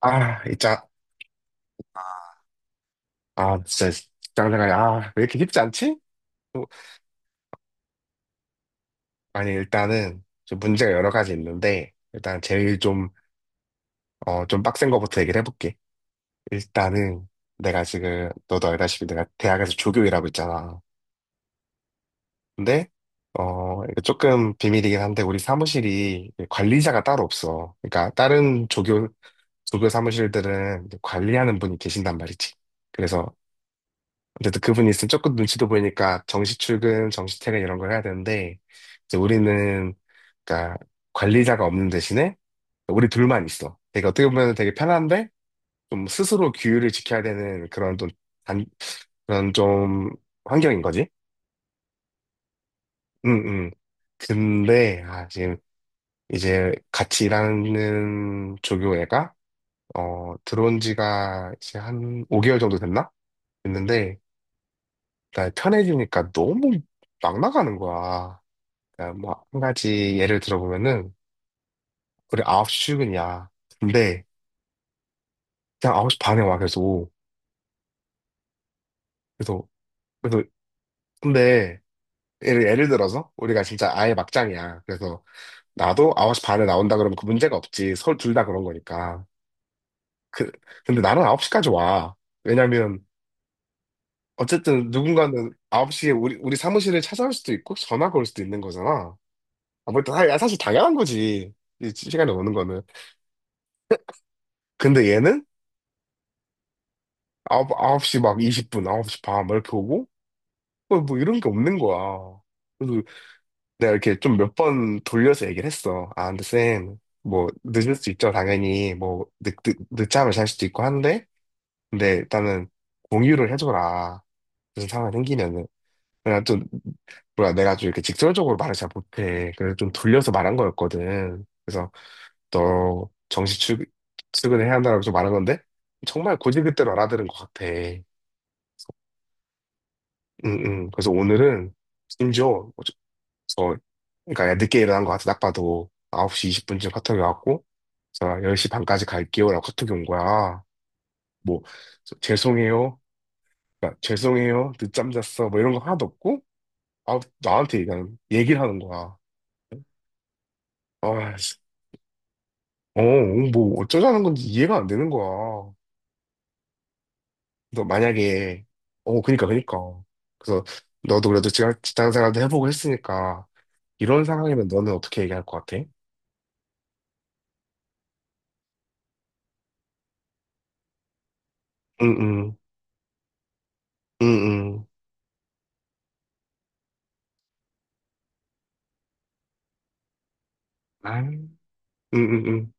아, 이 짜, 진짜 장생활이 왜 이렇게 쉽지 않지? 어, 아니, 일단은 좀 문제가 여러 가지 있는데, 일단 제일 좀, 어, 좀 빡센 거부터 얘기를 해볼게. 일단은 내가 지금, 너도 알다시피 내가 대학에서 조교 일하고 있잖아. 근데, 이거 조금 비밀이긴 한데, 우리 사무실이 관리자가 따로 없어. 그러니까 조교 사무실들은 관리하는 분이 계신단 말이지. 그래서 그래도 그분이 있으면 조금 눈치도 보이니까 정시 출근, 정시 퇴근 이런 걸 해야 되는데 이제 우리는, 그러니까 관리자가 없는 대신에 우리 둘만 있어. 되게 어떻게 보면 되게 편한데 좀 스스로 규율을 지켜야 되는 단, 그런 환경인 거지. 응, 응. 근데 지금 이제 같이 일하는 조교 애가 들어온 지가 이제 한 5개월 정도 됐나? 됐는데 나 편해지니까 너무 막 나가는 거야. 그러니까 뭐, 한 가지 예를 들어보면은, 우리 아홉시 출근이야. 근데, 그냥 아홉시 반에 와, 계속. 그래서, 그래서, 근데, 예를 들어서, 우리가 진짜 아예 막장이야. 그래서, 나도 아홉시 반에 나온다 그러면 그 문제가 없지. 서로 둘 다 그런 거니까. 그, 근데 나는 아홉시까지 와. 왜냐면, 어쨌든 누군가는 아홉시에 우리 사무실을 찾아올 수도 있고, 전화가 올 수도 있는 거잖아. 사실 당연한 거지, 이 시간에 오는 거는. 근데 얘는, 아홉시막 20분, 아홉시 반, 막 이렇게 오고, 뭐 이런 게 없는 거야. 그래서 내가 이렇게 좀 몇 번 돌려서 얘기를 했어. 근데 쌤, 뭐 늦을 수 있죠, 당연히. 뭐 늦잠을 잘 수도 있고 한데, 근데 일단은 공유를 해줘라, 무슨 상황이 생기면은. 내가 좀, 내가 좀 이렇게 직설적으로 말을 잘 못해. 그래서 좀 돌려서 말한 거였거든. 그래서 너 출근해야 한다고 좀 말한 건데, 정말 고지그대로 알아들은 것 같아. 응, 응. 그래서 오늘은 심지어, 그래서 그러니까 늦게 일어난 것 같아. 딱 봐도 9시 20분쯤 카톡이 왔고 제가 10시 반까지 갈게요 라고 카톡이 온 거야. 뭐 죄송해요, 그러니까 죄송해요, 늦잠 잤어, 뭐 이런 거 하나도 없고 나한테 그냥 얘기를 하는 거야. 아, 씨. 어, 어, 뭐 어쩌자는 건지 이해가 안 되는 거야. 그래서 만약에, 어, 그니까. 그래서 너도 그래도 지금 직장 생활도 해보고 했으니까 이런 상황이면 너는 어떻게 얘기할 것 같아? 응응, 응응, 아, 응응응.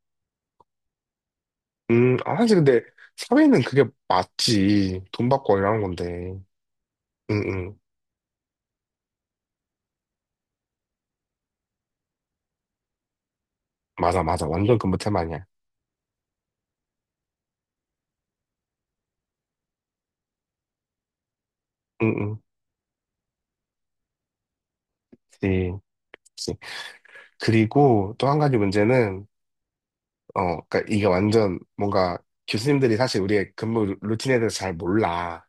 아, 사실 근데 사회는 그게 맞지. 돈 받고 일하는 건데. 응, 응. 맞아, 맞아. 완전 근무 테마야. 응, 응. 그치, 그치. 그리고 또 한 가지 문제는, 어, 그니까 이게 완전 뭔가 교수님들이 사실 우리의 루틴에 대해서 잘 몰라.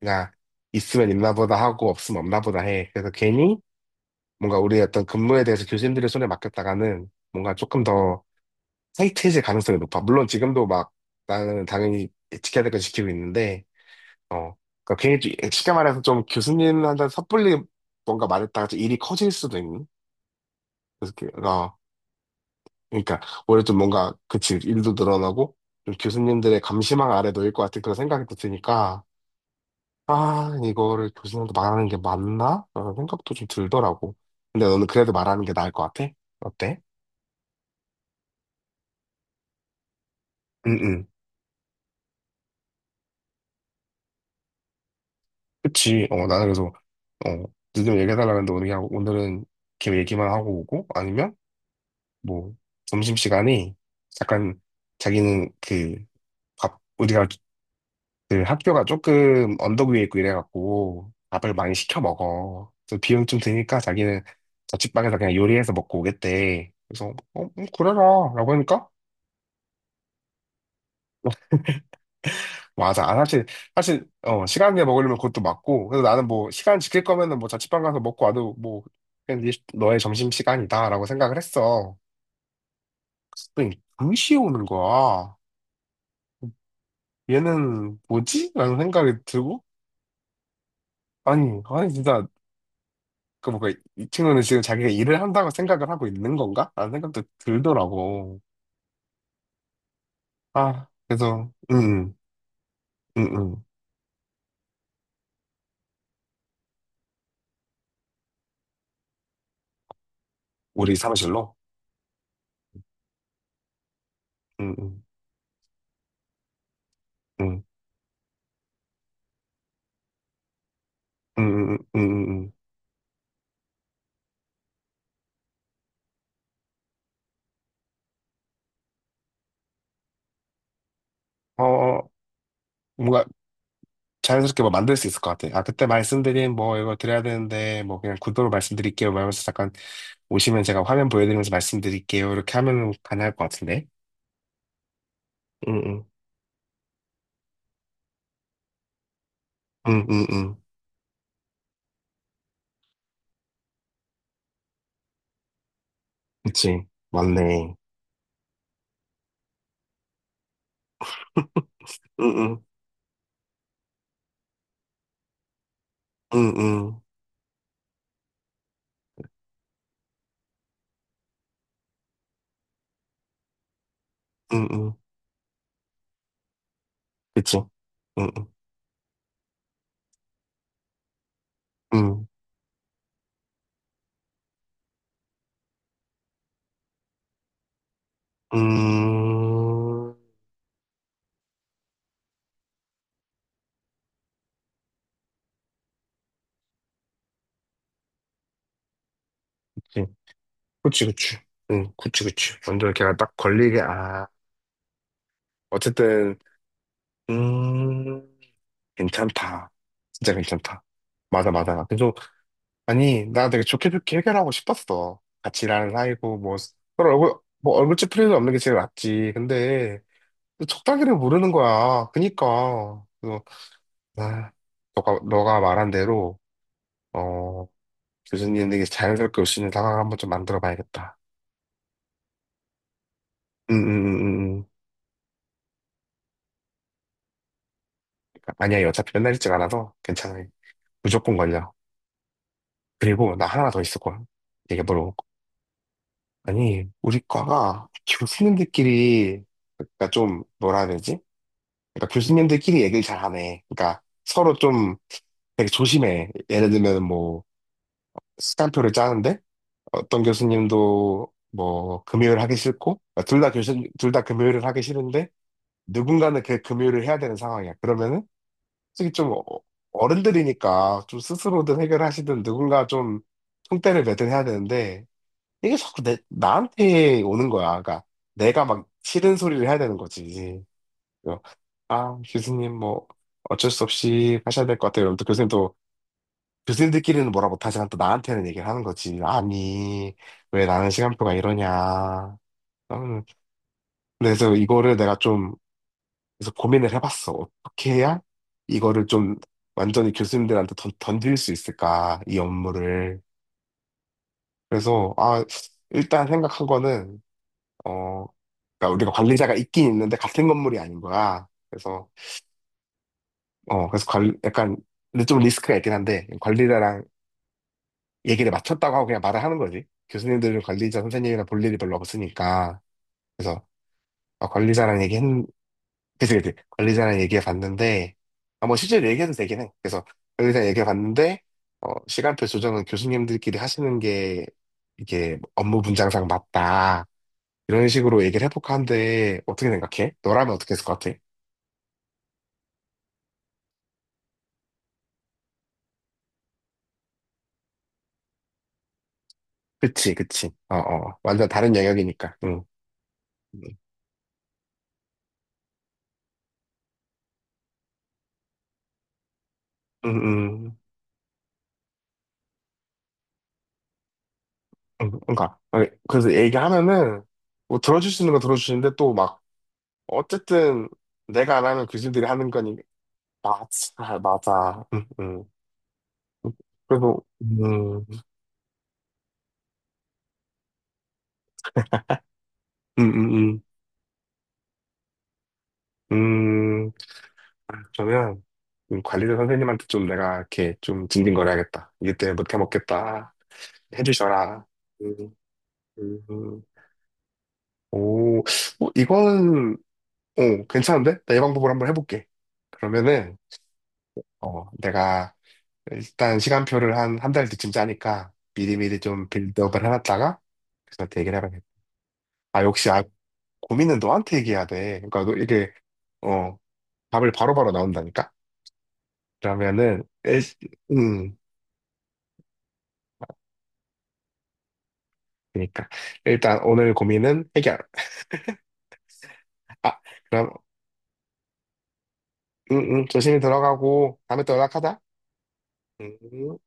그냥 있으면 있나 보다 하고 없으면 없나 보다 해. 그래서 괜히 뭔가 우리의 어떤 근무에 대해서 교수님들의 손에 맡겼다가는 뭔가 조금 더 타이트해질 가능성이 높아. 물론 지금도 막 나는 당연히 지켜야 될 건 지키고 있는데, 어. 그러니까 쉽게 말해서 좀 교수님한테 섣불리 뭔가 말했다가 좀 일이 커질 수도 있는. 그래서 그- 어. 그러니까 오히려 좀 뭔가, 그치, 일도 늘어나고 좀 교수님들의 감시망 아래 놓일 것 같은 그런 생각이 또 드니까 아 이거를 교수님한테 말하는 게 맞나? 라는 생각도 좀 들더라고. 근데 너는 그래도 말하는 게 나을 것 같아? 어때? 응응. 그치. 나는 그래서 어 늦으면 얘기해달라 는데 오늘은 걔 얘기만 하고 오고, 아니면 뭐 점심시간에 약간 자기는 그 밥, 우리가 그 학교가 조금 언덕 위에 있고 이래갖고 밥을 많이 시켜 먹어. 그래서 비용 좀 드니까 자기는 자취방에서 그냥 요리해서 먹고 오겠대. 그래서 어, 어, 그래라 라고 하니까, 맞아. 아, 사실 어, 시간에 먹으려면 그것도 맞고 그래서 나는 뭐 시간 지킬 거면은 뭐 자취방 가서 먹고 와도 뭐 그냥 너의 점심시간이다 라고 생각을 했어. 그랬더니 글이 오는 거야. 얘는 뭐지? 라는 생각이 들고 아니 아니 진짜 그 뭔가 이 친구는 지금 자기가 일을 한다고 생각을 하고 있는 건가? 라는 생각도 들더라고. 아 그래서, 응응, 응, 응, 응. 우리 사무실로. 응응, 응응응응응. 어, 뭔가 자연스럽게 뭐 만들 수 있을 것 같아, 아 그때 말씀드린 뭐 이거 드려야 되는데 뭐 그냥 구도로 말씀드릴게요 말면서 잠깐 오시면 제가 화면 보여드리면서 말씀드릴게요 이렇게 하면 가능할 것 같은데. 응응, 응응응. 그치 맞네. 응, 응, 응, 응, 응, 응. 그치. 응, 응, 응. 음, 그치, 그치. 그치. 응, 그치, 그치. 완전 걔가 딱 걸리게, 아. 어쨌든, 음, 괜찮다. 진짜 괜찮다. 맞아, 맞아. 그래서, 아니, 나 되게 좋게 좋게 해결하고 싶었어. 같이 일하는 사이고, 뭐, 서로 얼굴, 뭐, 얼굴 찌푸리도 없는 게 제일 낫지. 근데, 또 적당히를 모르는 거야. 그니까. 그래서, 아, 너가 말한 대로, 어, 교수님에게 자연스럽게 올 수 있는 상황을 한번 좀 만들어 봐야겠다. 음, 음, 음, 음. 아니야, 어차피 맨날 일찍 안 와서 괜찮아. 무조건 걸려. 그리고 나 하나 더 있었거든. 얘기해보려고. 아니, 우리 과가 교수님들끼리, 그러니까 좀, 뭐라 해야 되지? 그러니까 교수님들끼리 얘기를 잘 안 해. 그러니까 서로 좀 되게 조심해. 예를 들면 뭐, 시간표를 짜는데, 어떤 교수님도 뭐, 금요일 하기 싫고, 그러니까 둘 다 금요일을 하기 싫은데, 누군가는 그 금요일을 해야 되는 상황이야. 그러면은 솔직히 어른들이니까 좀 스스로든 해결하시든 누군가 좀 총대를 매든 해야 되는데 이게 자꾸 나한테 오는 거야. 그러니까 내가 막 싫은 소리를 해야 되는 거지. 그래서 아, 교수님 뭐 어쩔 수 없이 하셔야 될 것 같아요. 이러면 또 교수님도, 교수님들끼리는 뭐라 못하지만 또 나한테는 얘기를 하는 거지. 아니, 왜 나는 시간표가 이러냐. 나는 그래서 이거를 내가 좀, 그래서 고민을 해봤어. 어떻게 해야 이거를 좀 완전히 교수님들한테 던질 수 있을까, 이 업무를. 그래서, 아, 일단 생각한 거는, 어, 그러니까 우리가 관리자가 있긴 있는데 같은 건물이 아닌 거야. 그래서, 어, 근데 좀 리스크가 있긴 한데, 관리자랑 얘기를 맞췄다고 하고 그냥 말을 하는 거지. 교수님들은 관리자 선생님이랑 볼 일이 별로 없으니까. 그래서, 아, 관리자랑 얘기했, 그치, 그치. 관리자랑 얘기해 봤는데, 아, 뭐 실제로 얘기해도 되긴 해. 그래서 관리자랑 얘기해 봤는데, 어, 시간표 조정은 교수님들끼리 하시는 게 이게 업무 분장상 맞다. 이런 식으로 얘기를 해볼까 한데, 어떻게 생각해? 너라면 어떻게 했을 것 같아? 그치, 그치. 어, 어. 완전 다른 영역이니까. 응. 응, 응. 응, 응. 그러니까. 아니, 그래서 얘기하면은, 뭐 들어줄 수 있는 거 들어주시는데 또 막, 어쨌든 내가 안 하면 교수님들이 하는 거니. 맞아, 맞아. 응, 응. 그래서, 음, 음, 음, 음, 음, 아, 그러면, 관리자 선생님한테 좀 내가 이렇게 좀 징징거려야겠다. 이게 때문에 못해 먹겠다. 해주셔라. 음, 음, 음. 오, 어, 이거는, 오, 괜찮은데? 나 이 방법을 한번 해볼게. 그러면은, 어, 내가 일단 시간표를 한 달 뒤쯤 짜니까 미리미리 좀 빌드업을 해놨다가, 그래서 한테 얘기를 해봐야겠다. 아, 역시, 아, 고민은 너한테 얘기해야 돼. 그러니까 너 이게, 어, 답을 바로바로 나온다니까? 그러면은, 일, 음, 그러니까. 일단 오늘 고민은 해결. 아, 그럼, 응, 응, 조심히 들어가고, 다음에 또 연락하자. 음.